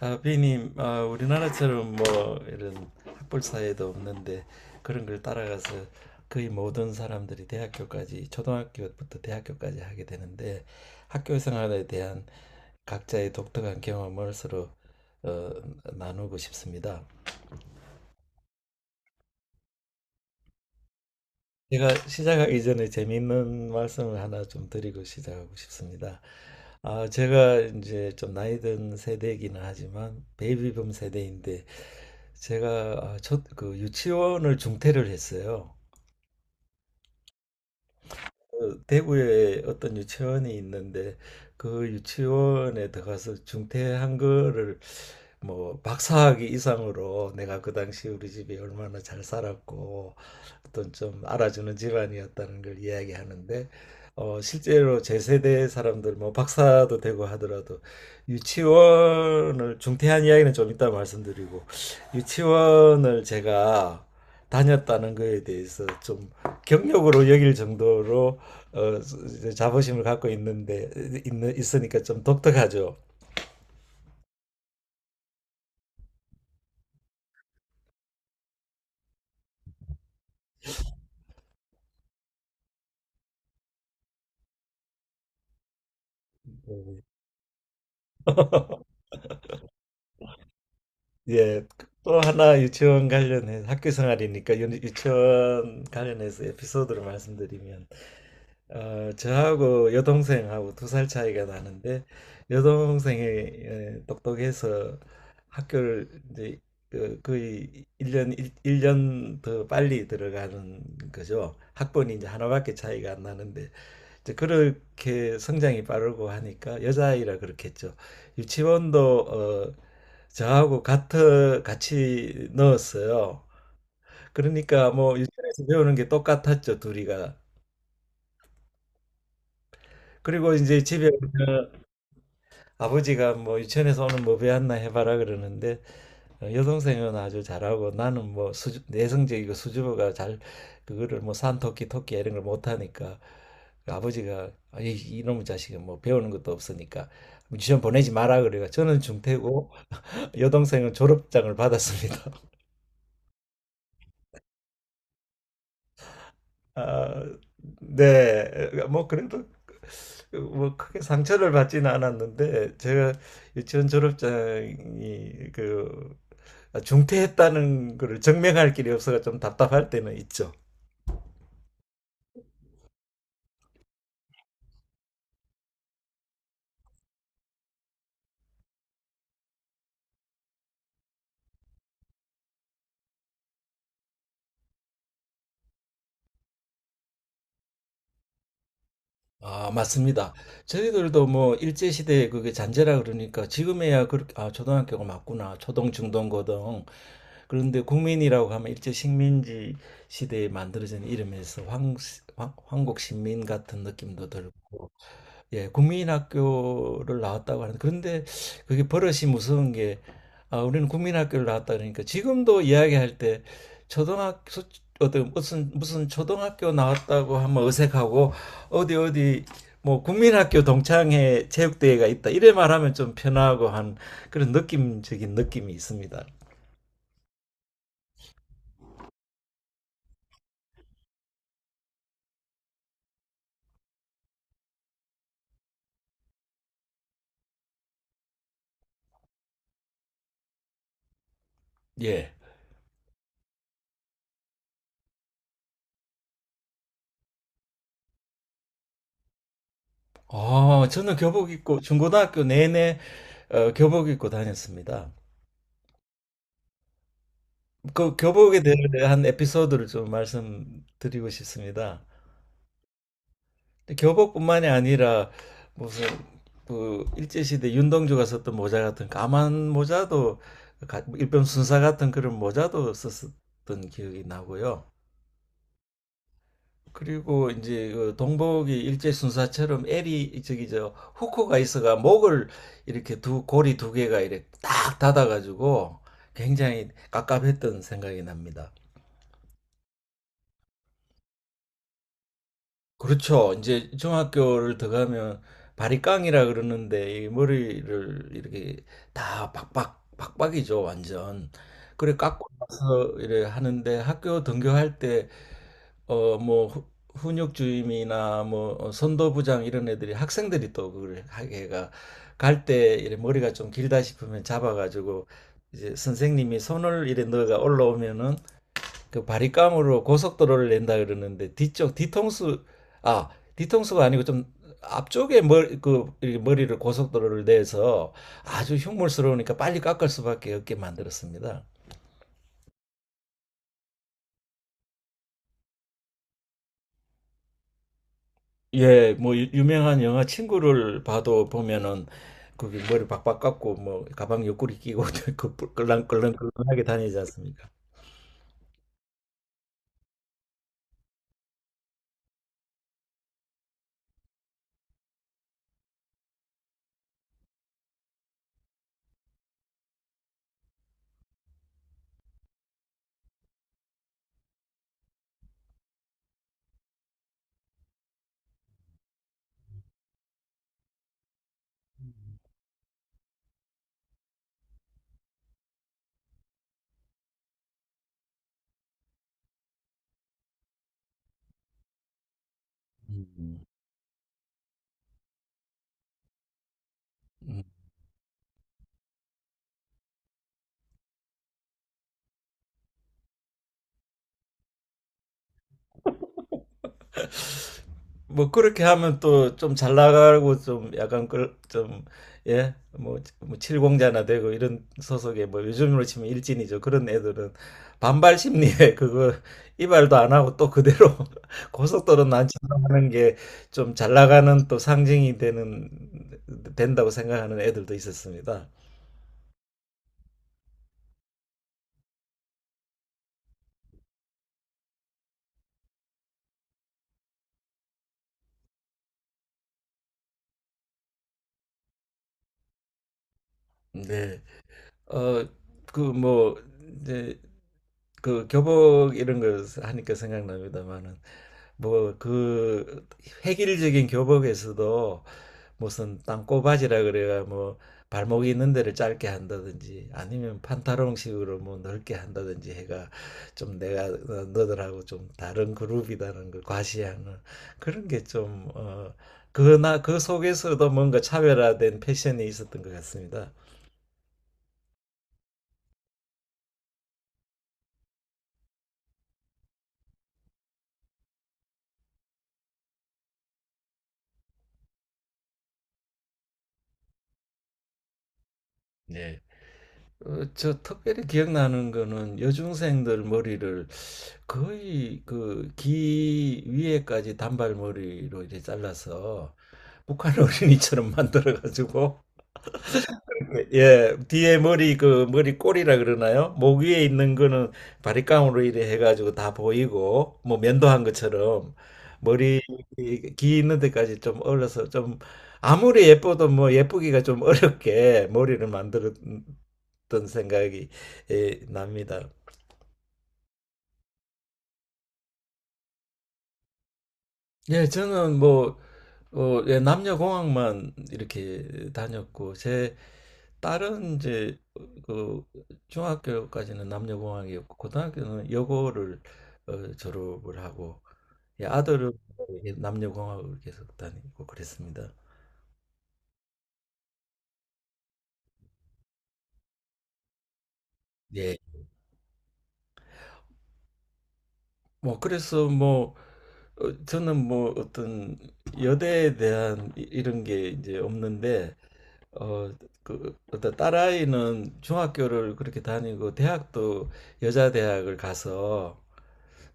아, 비님, 아, 우리나라처럼 뭐 이런 학벌 사회도 없는데 그런 걸 따라가서 거의 모든 사람들이 대학교까지 초등학교부터 대학교까지 하게 되는데 학교 생활에 대한 각자의 독특한 경험을 서로 어, 나누고 싶습니다. 제가 시작하기 전에 재미있는 말씀을 하나 좀 드리고 시작하고 싶습니다. 아, 제가 이제 좀 나이 든 세대이기는 하지만 베이비붐 세대인데 제가 아, 첫, 그 유치원을 중퇴를 했어요. 어, 대구에 어떤 유치원이 있는데 그 유치원에 들어가서 중퇴한 거를 뭐 박사학위 이상으로 내가 그 당시 우리 집이 얼마나 잘 살았고 어떤 좀 알아주는 집안이었다는 걸 이야기하는데 어 실제로 제 세대 사람들 뭐 박사도 되고 하더라도 유치원을 중퇴한 이야기는 좀 이따 말씀드리고 유치원을 제가 다녔다는 거에 대해서 좀 경력으로 여길 정도로 어, 자부심을 갖고 있는데 있는 있으니까 좀 독특하죠. 음. 예, 또 하나 유치원 관련해 학교 생활이니까 유치원 관련해서 에피소드를 말씀드리면 어, 저하고 여동생하고 두 살 차이가 나는데 여동생이 에, 똑똑해서 학교를 이제 그, 거의 일년일년더 빨리 들어가는 거죠. 학번이 이제 하나밖에 차이가 안 나는데 이제 그렇게 성장이 빠르고 하니까 여자아이라 그렇겠죠. 유치원도 저하고 같은 같이 넣었어요. 그러니까 뭐 유치원에서 배우는 게 똑같았죠, 둘이가. 그리고 이제 집에 오면 아버지가 뭐 유치원에서 오늘 뭐 배웠나 해봐라 그러는데 어, 여동생은 아주 잘하고 나는 뭐 내성적이고 수줍어가 잘 그거를 뭐 산토끼 토끼 이런 걸 못하니까 아버지가 아, 이놈의 자식은 뭐 배우는 것도 없으니까 유치원 보내지 마라 그래요. 저는 중퇴고 여동생은 졸업장을 받았습니다. 아, 네. 뭐 그래도 뭐 크게 상처를 받지는 않았는데 제가 유치원 졸업장이 그 중퇴했다는 거를 증명할 길이 없어서 좀 답답할 때는 있죠. 아, 맞습니다. 저희들도 뭐 일제 시대에 그게 잔재라 그러니까 지금에야 그렇게 아, 초등학교가 맞구나. 초등, 중등, 고등. 그런데 국민이라고 하면 일제 식민지 시대에 만들어진 이름에서 황국 신민 같은 느낌도 들고 예, 국민학교를 나왔다고 하는데 그런데 그게 버릇이 무서운 게 아, 우리는 국민학교를 나왔다 그러니까 지금도 이야기할 때 초등학교 어떤 무슨 무슨 초등학교 나왔다고 하면 어색하고 어디 어디 뭐 국민학교 동창회 체육대회가 있다 이래 말하면 좀 편하고 한 그런 느낌적인 느낌이 있습니다. 예. 아, 저는 교복 입고 중고등학교 내내 교복 입고 다녔습니다. 그 교복에 대한 에피소드를 좀 말씀드리고 싶습니다. 교복뿐만이 아니라 무슨 그 일제시대 윤동주가 썼던 모자 같은 까만 모자도 일병 순사 같은 그런 모자도 썼었던 기억이 나고요. 그리고 이제 그 동복이 일제 순사처럼 L이 저기 저 후코가 있어가 목을 이렇게 두 고리 두 개가 이렇게 딱 닫아가지고 굉장히 깝깝했던 생각이 납니다. 그렇죠. 이제 중학교를 들어가면 바리깡이라 그러는데 이 머리를 이렇게 다 박박 박박이죠, 완전. 그래 깎고 나서 이래 하는데 학교 등교할 때 어 뭐 훈육 주임이나 뭐 선도부장 이런 애들이 학생들이 또 그걸 하게가 갈 때 이래 머리가 좀 길다 싶으면 잡아가지고 이제 선생님이 손을 이래 넣어가 올라오면은 그 바리깡으로 고속도로를 낸다 그러는데 뒤쪽 뒤통수 아 뒤통수가 아니고 좀 앞쪽에 머리 그 머리를 고속도로를 내서 아주 흉물스러우니까 빨리 깎을 수밖에 없게 만들었습니다. 예, 뭐 명한 영화 친구를 봐도 보면은 그 머리 박박 깎고 뭐 가방 옆구리 끼고 그 꿀렁꿀렁꿀렁하게 다니지 않습니까? 음. 음. 뭐 그렇게 하면 또 좀 잘 나가고 좀 약간 좀예뭐 칠공자나 되고 이런 소속의 뭐 요즘으로 치면 일진이죠 그런 애들은 반발 심리에 그거 이발도 안 하고 또 그대로 고속도로 난치하는 게 좀 잘 나가는 또 상징이 되는 된다고 생각하는 애들도 있었습니다. 네. 어 그 뭐 이제 그 교복 이런 걸 하니까 생각납니다만은 뭐 그 획일적인 교복에서도 무슨 땅꼬바지라 그래가 뭐 발목이 있는 데를 짧게 한다든지 아니면 판타롱식으로 뭐 넓게 한다든지 해가 좀 내가 너들하고 좀 다른 그룹이라는 걸 과시하는 그런 게 좀 어 그나 그 속에서도 뭔가 차별화된 패션이 있었던 것 같습니다. 네. 어, 저 특별히 기억나는 거는 여중생들 머리를 거의 그 귀 위에까지 단발머리로 이렇게 잘라서 북한 어린이처럼 만들어 가지고 예, 뒤에 머리 그 머리 꼬리라 그러나요? 목 위에 있는 거는 바리깡으로 이래 해가지고 다 보이고 뭐 면도한 것처럼 머리 귀 있는 데까지 좀 얼려서 좀 아무리 예뻐도 뭐 예쁘기가 좀 어렵게 머리를 만들었던 생각이 예, 납니다. 예, 저는 뭐, 예, 남녀공학만 이렇게 다녔고, 제 딸은 이제, 그, 중학교까지는 남녀공학이었고, 고등학교는 여고를 졸업을 하고, 예, 아들은 예, 남녀공학을 계속 다니고 그랬습니다. 예. 뭐, 그래서 뭐, 저는 뭐 어떤 여대에 대한 이런 게 이제 없는데, 어, 그, 어떤 딸아이는 중학교를 그렇게 다니고, 대학도 여자 대학을 가서,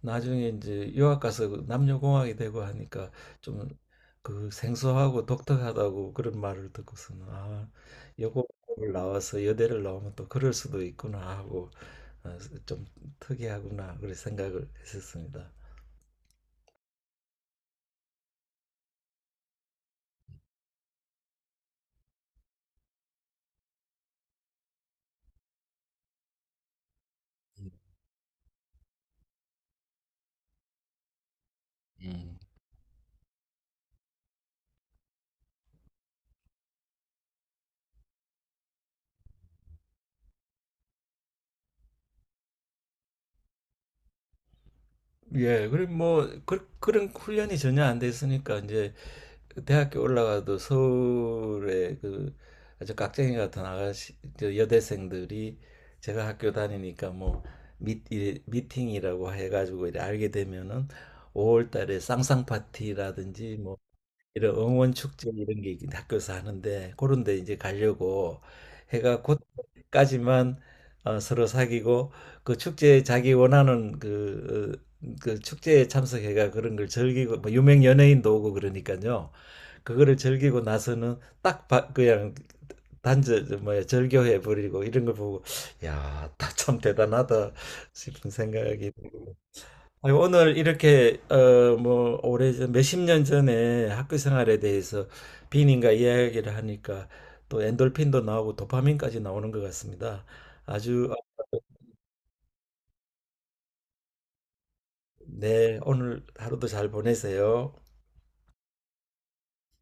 나중에 이제 유학 가서 그 남녀공학이 되고 하니까 좀 그 생소하고 독특하다고 그런 말을 듣고서는, 아, 여고를 나와서 여대를 나오면 또 그럴 수도 있구나 하고, 어, 좀 특이하구나, 그런 생각을 했었습니다. 음. 예, 그리고 뭐 그, 그런 훈련이 전혀 안 됐으니까 이제 대학교 올라가도 서울에 그 아주 깍쟁이 같은 아가씨 저 여대생들이 제가 학교 다니니까 뭐 이 미팅이라고 해가지고 이렇게 알게 되면은 5월 달에 쌍쌍 파티라든지 뭐 이런 응원 축제 이런 게 있긴 학교에서 하는데 그런 데 이제 가려고 해가 곧까지만 서로 사귀고 그 축제에 자기 원하는 그, 어, 그 축제에 참석해가 그런 걸 즐기고 뭐 유명 연예인도 오고 그러니까요. 그거를 즐기고 나서는 딱 그냥 단절 뭐야 절교해 버리고 이런 걸 보고 야, 다 참 대단하다 싶은 생각이 들고. 오늘 이렇게 어 뭐 오래전 몇십 년 전에 학교 생활에 대해서 비님과 이야기를 하니까 또 엔돌핀도 나오고 도파민까지 나오는 것 같습니다. 아주 네 오늘 하루도 잘 보내세요.